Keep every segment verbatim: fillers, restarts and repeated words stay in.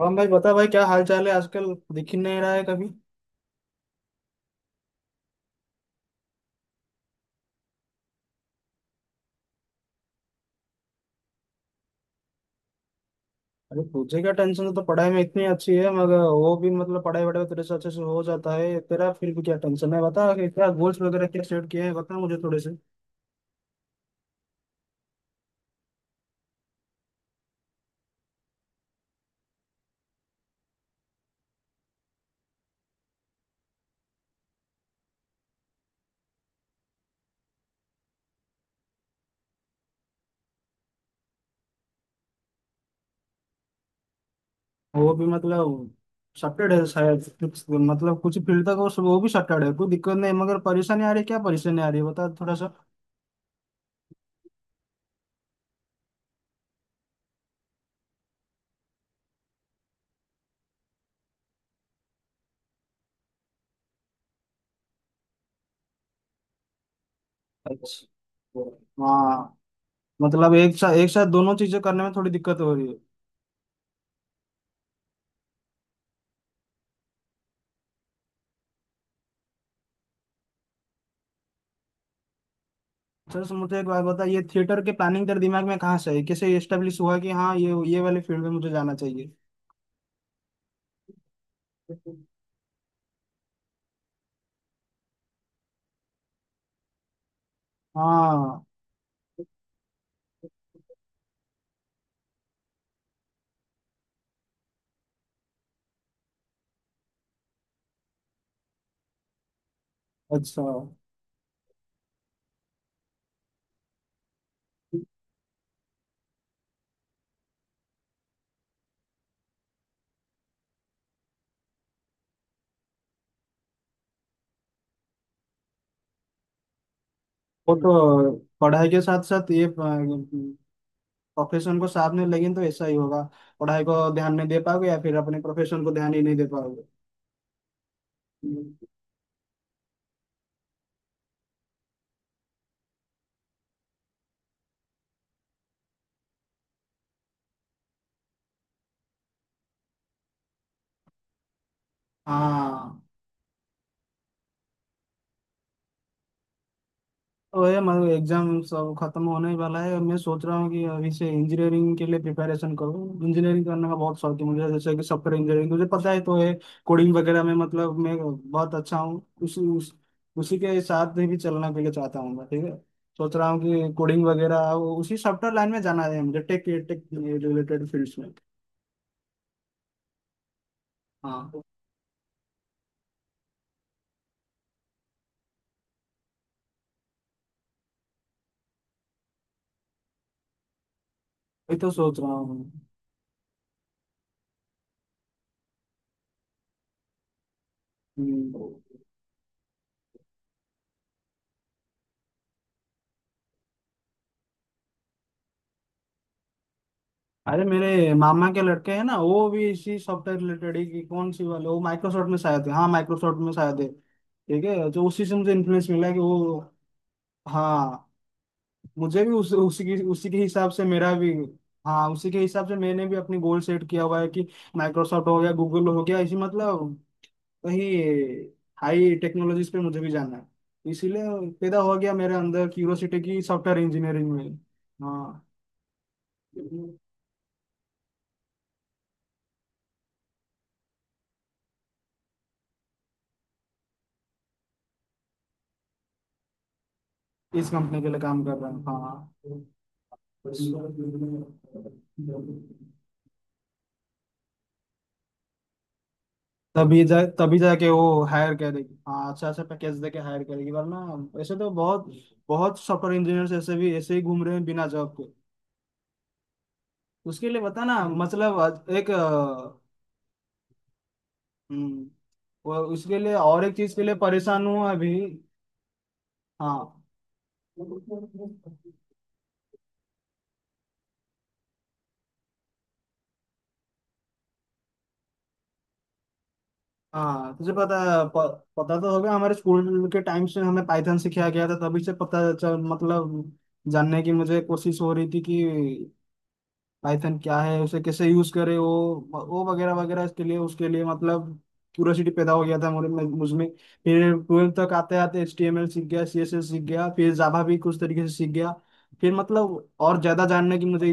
हम भाई बता भाई, क्या हाल चाल है आजकल? दिख ही नहीं रहा है कभी। अरे तुझे क्या टेंशन है? तो पढ़ाई में इतनी अच्छी है, मगर वो भी मतलब पढ़ाई वढ़ाई तेरे से अच्छे से हो जाता है तेरा, फिर भी क्या टेंशन है? बता कि क्या गोल्स वगैरह क्या सेट किए हैं, बता मुझे थोड़े से। वो भी मतलब सटेड है शायद कुछ- मतलब कुछ फील्ड तक, वो वो भी सटेड है, कोई दिक्कत नहीं। मगर परेशानी आ रही है, क्या परेशानी आ रही है बता थोड़ा सा। अच्छा। हाँ, मतलब एक साथ एक साथ दोनों चीजें करने में थोड़ी दिक्कत हो रही है। सर सर, मुझे एक बात बताइए, ये थिएटर के प्लानिंग तेरे दिमाग में कहाँ से है? कैसे एस्टेब्लिश हुआ कि हाँ ये ये वाले फील्ड में मुझे जाना चाहिए? हाँ। अच्छा। वो तो पढ़ाई के साथ साथ ये प्रोफेशन को साथ में लेंगे तो ऐसा ही होगा। पढ़ाई को ध्यान नहीं दे पाओगे या फिर अपने प्रोफेशन को ध्यान ही नहीं दे पाओगे। हाँ। तो ये मतलब एग्जाम सब खत्म होने ही वाला है, मैं सोच रहा हूँ कि अभी से इंजीनियरिंग के लिए प्रिपरेशन करूँ। इंजीनियरिंग करने का बहुत शौक है मुझे, जैसे कि सॉफ्टवेयर इंजीनियरिंग मुझे पता है। तो ये कोडिंग वगैरह में मतलब मैं बहुत अच्छा हूँ। उसी उस, उसी के साथ भी चलना के लिए चाहता हूँ मैं, ठीक है। सोच रहा हूँ कि कोडिंग वगैरह, वो उसी सॉफ्टवेयर लाइन में जाना है मुझे, टेक टेक रिलेटेड फील्ड्स में। हाँ, ये तो सोच रहा हूँ। हम्म। अरे मेरे मामा के लड़के हैं ना, वो भी इसी सॉफ्टवेयर रिलेटेड ही, कि कौन सी वाले, वो माइक्रोसॉफ्ट में शायद थे। हाँ, माइक्रोसॉफ्ट में शायद थे, ठीक है। तो उसी से मुझे इन्फ्लुएंस मिला कि वो। हाँ, मुझे भी उस, उसी की उसी के हिसाब से मेरा भी। हाँ, उसी के हिसाब से मैंने भी अपनी गोल सेट किया हुआ है कि माइक्रोसॉफ्ट हो गया, गूगल हो गया, इसी मतलब वही हाई टेक्नोलॉजीज पे मुझे भी जाना है। इसीलिए पैदा हो गया मेरे अंदर क्यूरोसिटी की सॉफ्टवेयर इंजीनियरिंग में। हाँ, इस कंपनी के लिए काम कर रहा हूँ। हाँ, तभी जा तभी जाके वो हायर करेगी। हाँ, अच्छा, अच्छा पैकेज देके हायर करेगी, वरना ऐसे तो बहुत बहुत सॉफ्टवेयर इंजीनियर्स ऐसे भी ऐसे ही घूम रहे हैं बिना जॉब के। उसके लिए बता ना मतलब एक अ, हम्म, वो उसके लिए और एक चीज के लिए परेशान हूँ अभी। हाँ। हाँ, तुझे पता, प, पता तो होगा हमारे स्कूल के टाइम से हमें पाइथन सिखाया गया था, तभी से पता चल मतलब जानने की मुझे कोशिश हो रही थी कि पाइथन क्या है, उसे कैसे यूज करे, वो वो वगैरह वगैरह, इसके लिए उसके लिए मतलब क्यूरियोसिटी पैदा हो गया था मुझे, मुझमें। फिर ट्वेल्थ तक आते आते एच टी एम एल सीख गया, सी एस एस सीख गया, फिर जावा भी कुछ तरीके से सीख गया। फिर मतलब और ज्यादा जानने की मुझे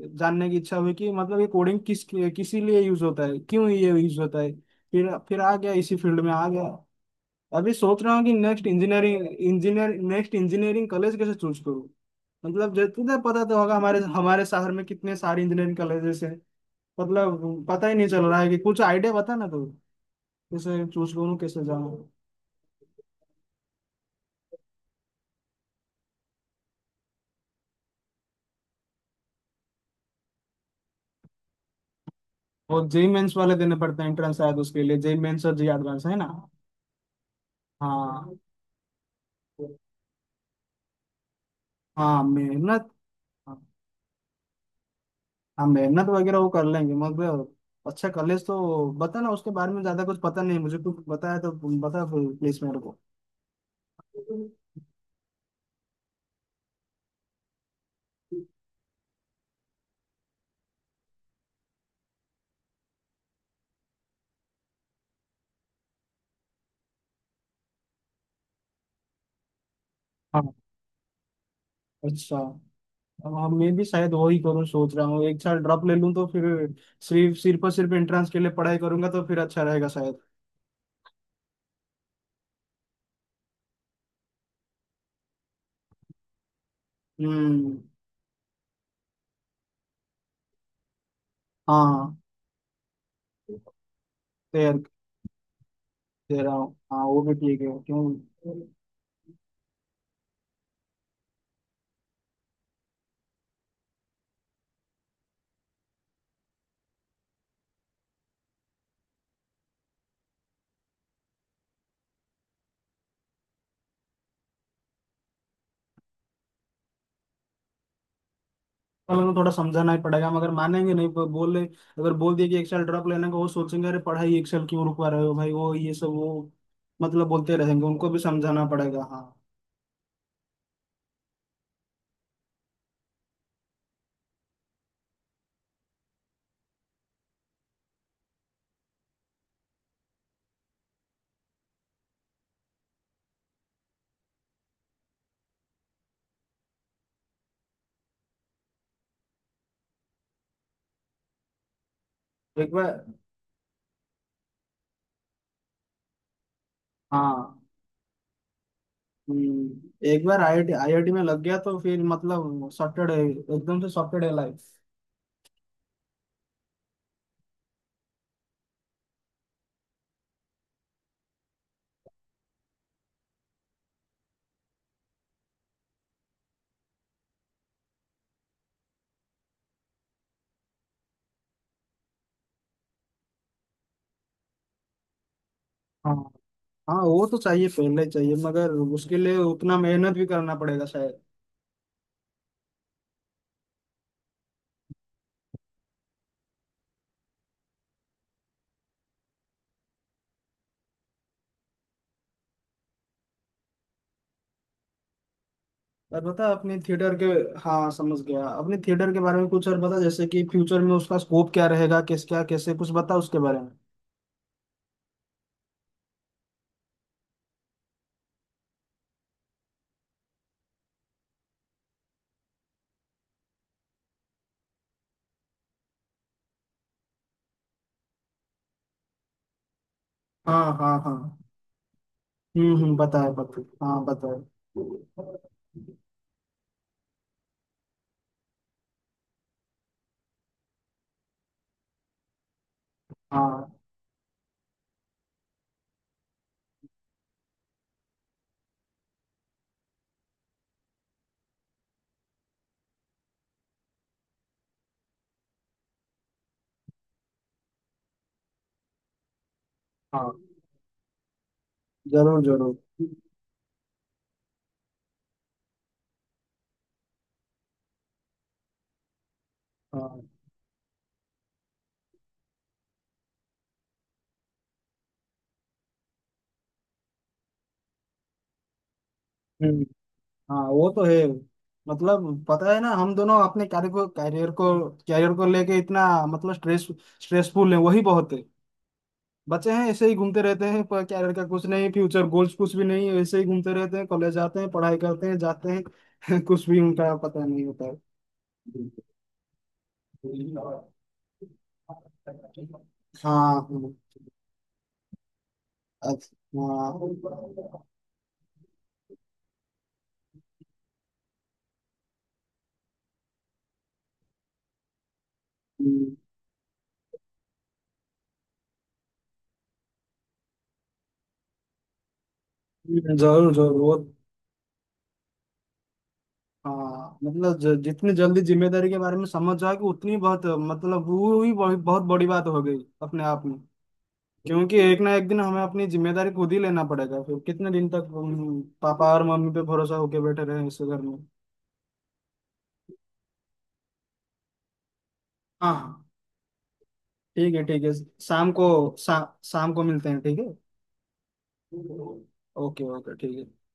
जानने की इच्छा हुई कि मतलब ये कोडिंग किस किसी लिए यूज होता है, क्यों ये यूज होता है। फिर फिर आ गया, इसी फील्ड में आ गया। अभी सोच रहा हूँ कि next engineering engineer next engineering college कैसे चूज करूँ। मतलब जब तुझे पता तो होगा हमारे हमारे शहर में कितने सारे इंजीनियरिंग कॉलेजेस हैं, मतलब पता ही नहीं चल रहा है कि। कुछ आइडिया बता ना तू, कैसे चूज करूँ, कैसे जाऊँ। और जे ई मेंस वाले देने पड़ते हैं एंट्रेंस शायद, उसके लिए जे ई मेंस और जे ई एडवांस है ना। हाँ। हाँ मेहनत, हाँ मेहनत वगैरह वो कर लेंगे मतलब। अच्छा कॉलेज तो बता ना, उसके बारे में ज्यादा कुछ पता नहीं मुझे, कुछ बताया तो, बता प्लीज मेरे को। हाँ। अच्छा। हाँ, मैं भी शायद वही करूँ, सोच रहा हूँ एक साल ड्रॉप ले लूँ तो फिर सिर्फ सिर्फ और सिर्फ एंट्रेंस के लिए पढ़ाई करूंगा तो फिर अच्छा रहेगा शायद। हम्म। हाँ तैयार दे रहा हूँ, हाँ वो भी ठीक है, क्यों वालों को थोड़ा समझाना ही पड़ेगा, मगर मानेंगे नहीं। ब- बोले अगर बोल दिए कि एक साल ड्रॉप लेने का, वो सोचेंगे अरे पढ़ाई एक साल क्यों रुकवा रहे हो भाई, वो ये सब वो मतलब बोलते रहेंगे, उनको भी समझाना पड़ेगा। हाँ, एक बार। हाँ। हम्म, एक बार आईआईटी आईआईटी में लग गया तो फिर मतलब सॉर्टेड है, एकदम से सॉर्टेड है लाइफ। हाँ। हाँ, वो तो चाहिए, पहले चाहिए, मगर उसके लिए उतना मेहनत भी करना पड़ेगा शायद। और बता अपने थिएटर के। हाँ, समझ गया, अपने थिएटर के बारे में कुछ और बता, जैसे कि फ्यूचर में उसका स्कोप क्या रहेगा, किस क्या कैसे कुछ बता उसके बारे में। हाँ। हाँ। हाँ। हम्म हम्म, बताए बताए, हाँ बताए। हाँ। हाँ, जरूर जरूर। हाँ। हम्म। हाँ, वो तो है। मतलब पता है ना, हम दोनों अपने कैरियर को कैरियर को कैरियर को लेके इतना मतलब स्ट्रेस, स्ट्रेसफुल है, वही बहुत है। बच्चे हैं ऐसे ही घूमते रहते हैं, पर कैरियर का कुछ नहीं, फ्यूचर गोल्स कुछ भी नहीं, ऐसे ही घूमते रहते हैं, कॉलेज जाते हैं, पढ़ाई करते हैं, जाते हैं कुछ भी उनका पता नहीं होता है। हाँ, हाँ। अच्छा, हाँ, हम्म, जरूर जरूर वो। हाँ मतलब, ज, जितनी जल्दी जिम्मेदारी के बारे में समझ जाओगे, उतनी बहुत मतलब वो ही बहुत, बहुत बड़ी बात हो गई अपने आप में। क्योंकि एक ना एक दिन हमें अपनी जिम्मेदारी खुद ही लेना पड़ेगा, फिर कितने दिन तक हम पापा और मम्मी पे भरोसा होके बैठे रहे इस घर में। हाँ, हाँ, ठीक है, ठीक है। शाम को, शा, शाम को मिलते हैं, ठीक है। ओके ओके, ठीक है।